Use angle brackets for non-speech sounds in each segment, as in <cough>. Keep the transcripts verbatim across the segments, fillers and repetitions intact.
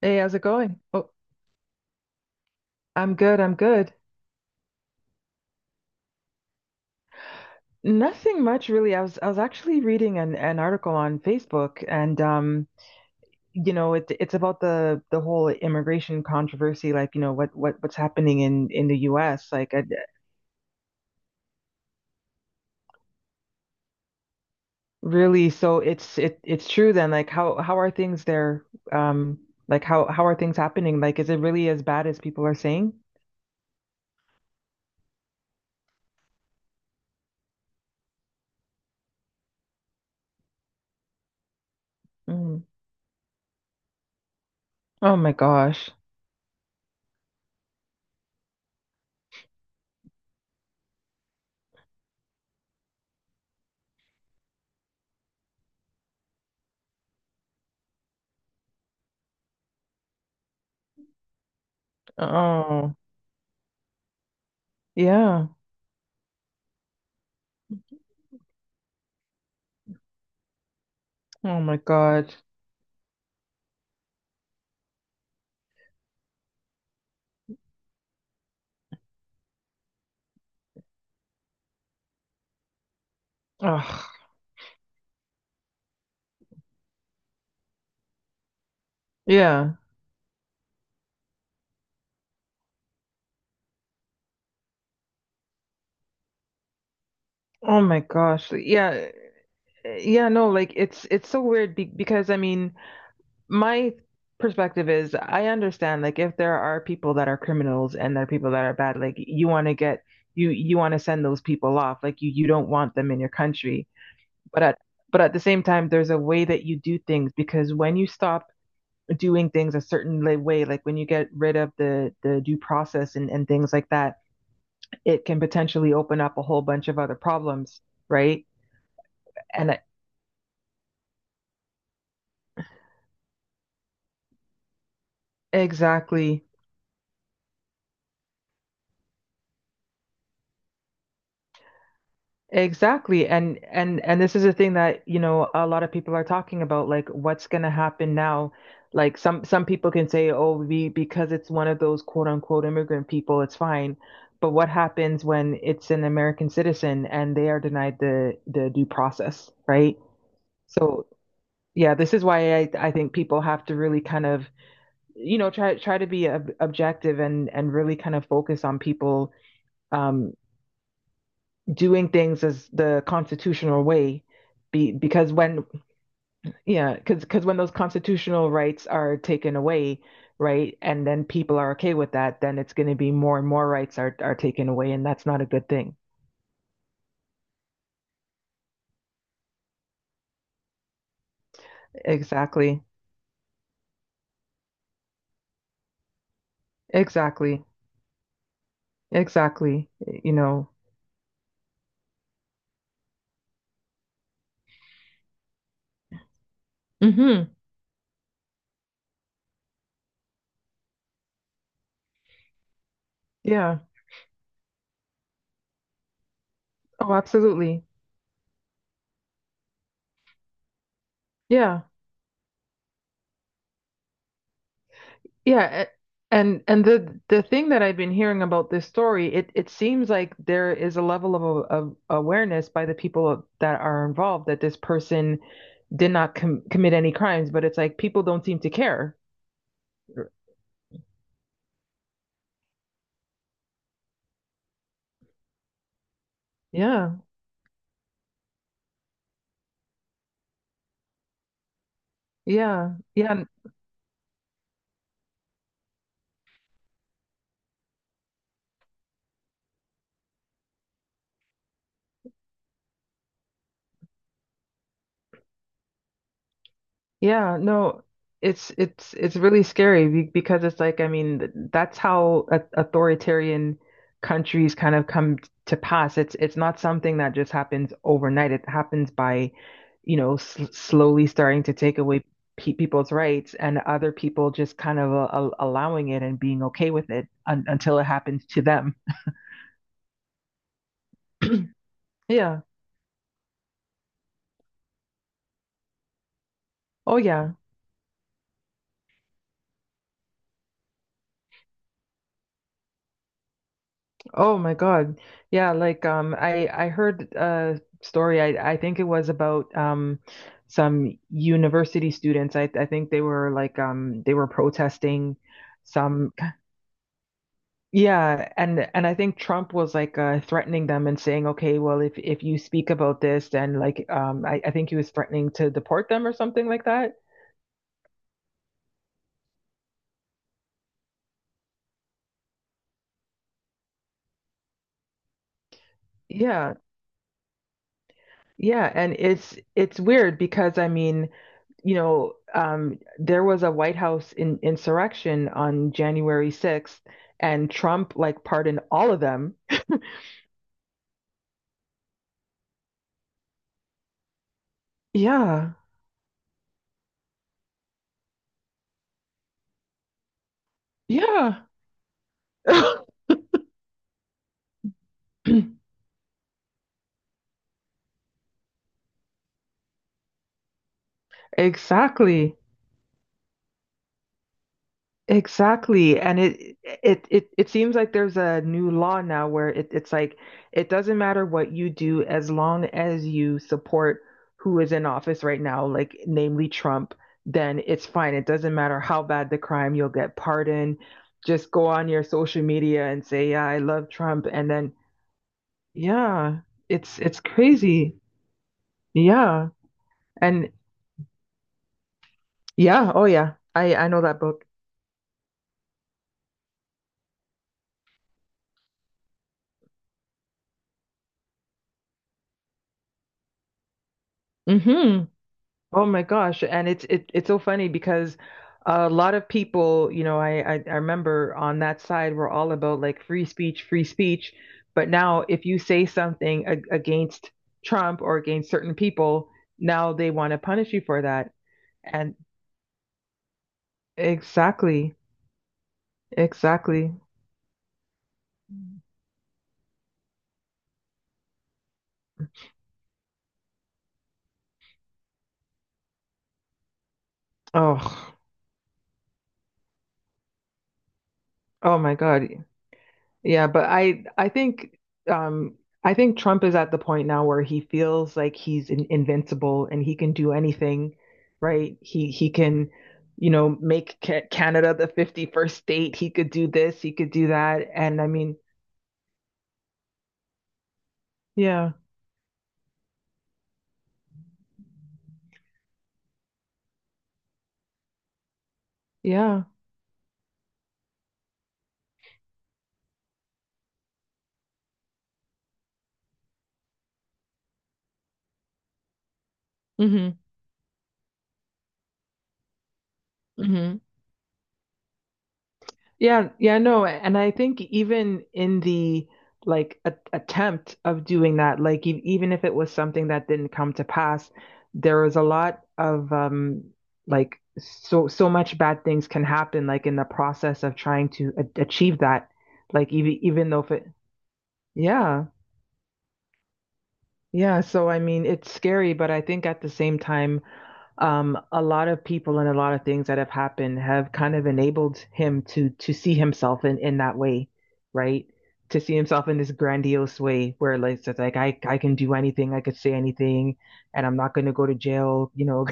Hey, how's it going? Oh, I'm good, I'm good. Nothing much really. I was I was actually reading an, an article on Facebook and um, you know, it, it's about the the whole immigration controversy, like, you know, what what what's happening in in the U S. Like I, really, so it's it it's true then, like how how are things there? Um, like how how are things happening? Like is it really as bad as people are saying? Mm. Oh my gosh. Oh, yeah. Oh my God. Ugh. Yeah. Oh my gosh. Yeah. Yeah, no, like it's it's so weird be because I mean, my perspective is I understand like if there are people that are criminals and there are people that are bad, like you want to get you you want to send those people off. Like you you don't want them in your country. But at but at the same time, there's a way that you do things because when you stop doing things a certain la- way, like when you get rid of the the due process and and things like that, it can potentially open up a whole bunch of other problems, right? And exactly. Exactly. And and and this is a thing that, you know, a lot of people are talking about, like what's going to happen now. Like some some people can say, "Oh, we because it's one of those quote unquote immigrant people, it's fine." But what happens when it's an American citizen and they are denied the the due process, right? So, yeah, this is why I I think people have to really kind of, you know, try try to be ob objective and and really kind of focus on people um doing things as the constitutional way be, because when yeah because because when those constitutional rights are taken away right and then people are okay with that, then it's going to be more and more rights are are taken away, and that's not a good thing. Exactly. Exactly. Exactly. You know. Mhm. Yeah. Oh, absolutely. Yeah. Yeah, a- and and the the thing that I've been hearing about this story, it it seems like there is a level of, of awareness by the people that are involved that this person did not com commit any crimes, but it's like people don't seem to care. Yeah, yeah, yeah. Yeah, no, it's it's it's really scary be- because it's like I mean th- that's how a authoritarian countries kind of come t- to pass. It's it's not something that just happens overnight. It happens by, you know, sl slowly starting to take away pe people's rights, and other people just kind of uh, al- allowing it and being okay with it un until it happens to them. <clears throat> Yeah. Oh yeah. Oh my God. Yeah, like um I I heard a story. I I think it was about um some university students. I I think they were like um they were protesting some yeah, and and I think Trump was like uh threatening them and saying, "Okay, well if if you speak about this, then like um I I think he was threatening to deport them or something like that." Yeah. Yeah, and it's it's weird because I mean you know, um, there was a White House in, insurrection on January sixth, and Trump like pardoned all of them. Yeah, yeah, <coughs> <clears throat> exactly. Exactly. And it it it it seems like there's a new law now where it, it's like it doesn't matter what you do as long as you support who is in office right now, like namely Trump, then it's fine. It doesn't matter how bad the crime, you'll get pardoned. Just go on your social media and say, "Yeah, I love Trump." And then yeah, it's it's crazy. Yeah. And yeah, oh yeah. I I know that book. Hmm. Oh my gosh. And it's it, it's so funny because a lot of people, you know, I, I I remember on that side were all about like free speech, free speech. But now if you say something ag against Trump or against certain people, now they want to punish you for that. And exactly, exactly. Oh, oh my God. Yeah, but I I think um I think Trump is at the point now where he feels like he's in, invincible and he can do anything, right? He he can, you know, make ca Canada the fifty-first state. He could do this, he could do that. And I mean, yeah. Yeah. Hmm. Hmm. Yeah, yeah, no, and I think even in the like a attempt of doing that, like e even if it was something that didn't come to pass, there was a lot of um like so so much bad things can happen like in the process of trying to a achieve that. Like even even though if it yeah. Yeah, so I mean it's scary, but I think at the same time um, a lot of people and a lot of things that have happened have kind of enabled him to to see himself in in that way, right? To see himself in this grandiose way where like it's like I I can do anything, I could say anything, and I'm not going to go to jail, you know.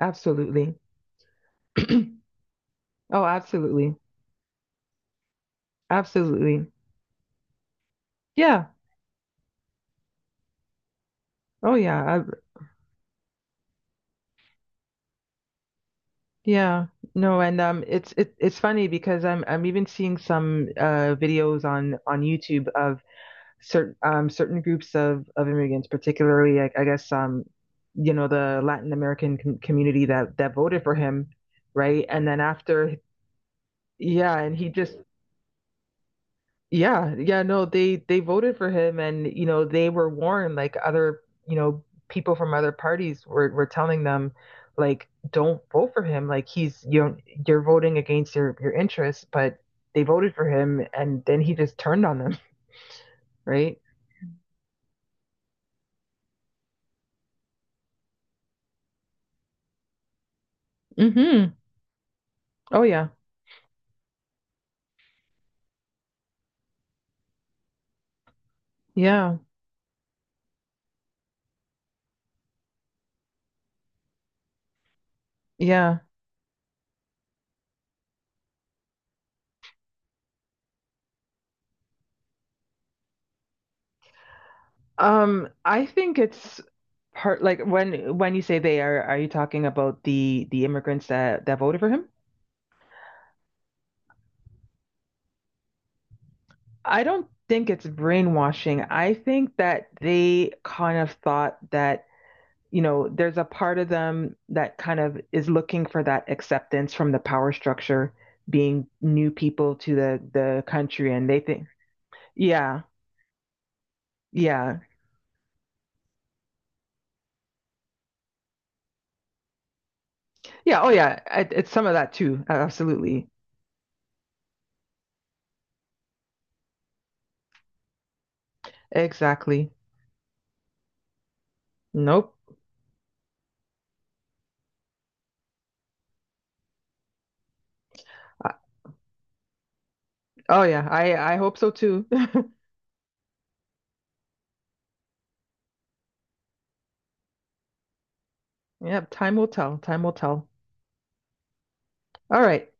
Absolutely. Oh, absolutely. Absolutely. Yeah. Oh yeah. I, yeah. No, and um it's it, it's funny because I'm I'm even seeing some uh videos on on YouTube of certain um, certain groups of, of immigrants, particularly I, I guess um, you know, the Latin American com- community that that voted for him, right? And then after, yeah, and he just yeah yeah no they they voted for him, and you know they were warned like other you know people from other parties were were telling them like don't vote for him like he's you know, you're voting against your your interests, but they voted for him, and then he just turned on them, <laughs> right? Mm-hmm. Oh yeah, yeah. Yeah. Um, I think it's part like when when you say they are, are you talking about the the immigrants that that voted for him? I don't think it's brainwashing. I think that they kind of thought that, you know, there's a part of them that kind of is looking for that acceptance from the power structure, being new people to the the country, and they think, yeah, yeah, yeah, oh yeah, it, it's some of that too, absolutely, exactly. Nope. Oh yeah, I I hope so too. <laughs> Yeah, time will tell. Time will tell. All right.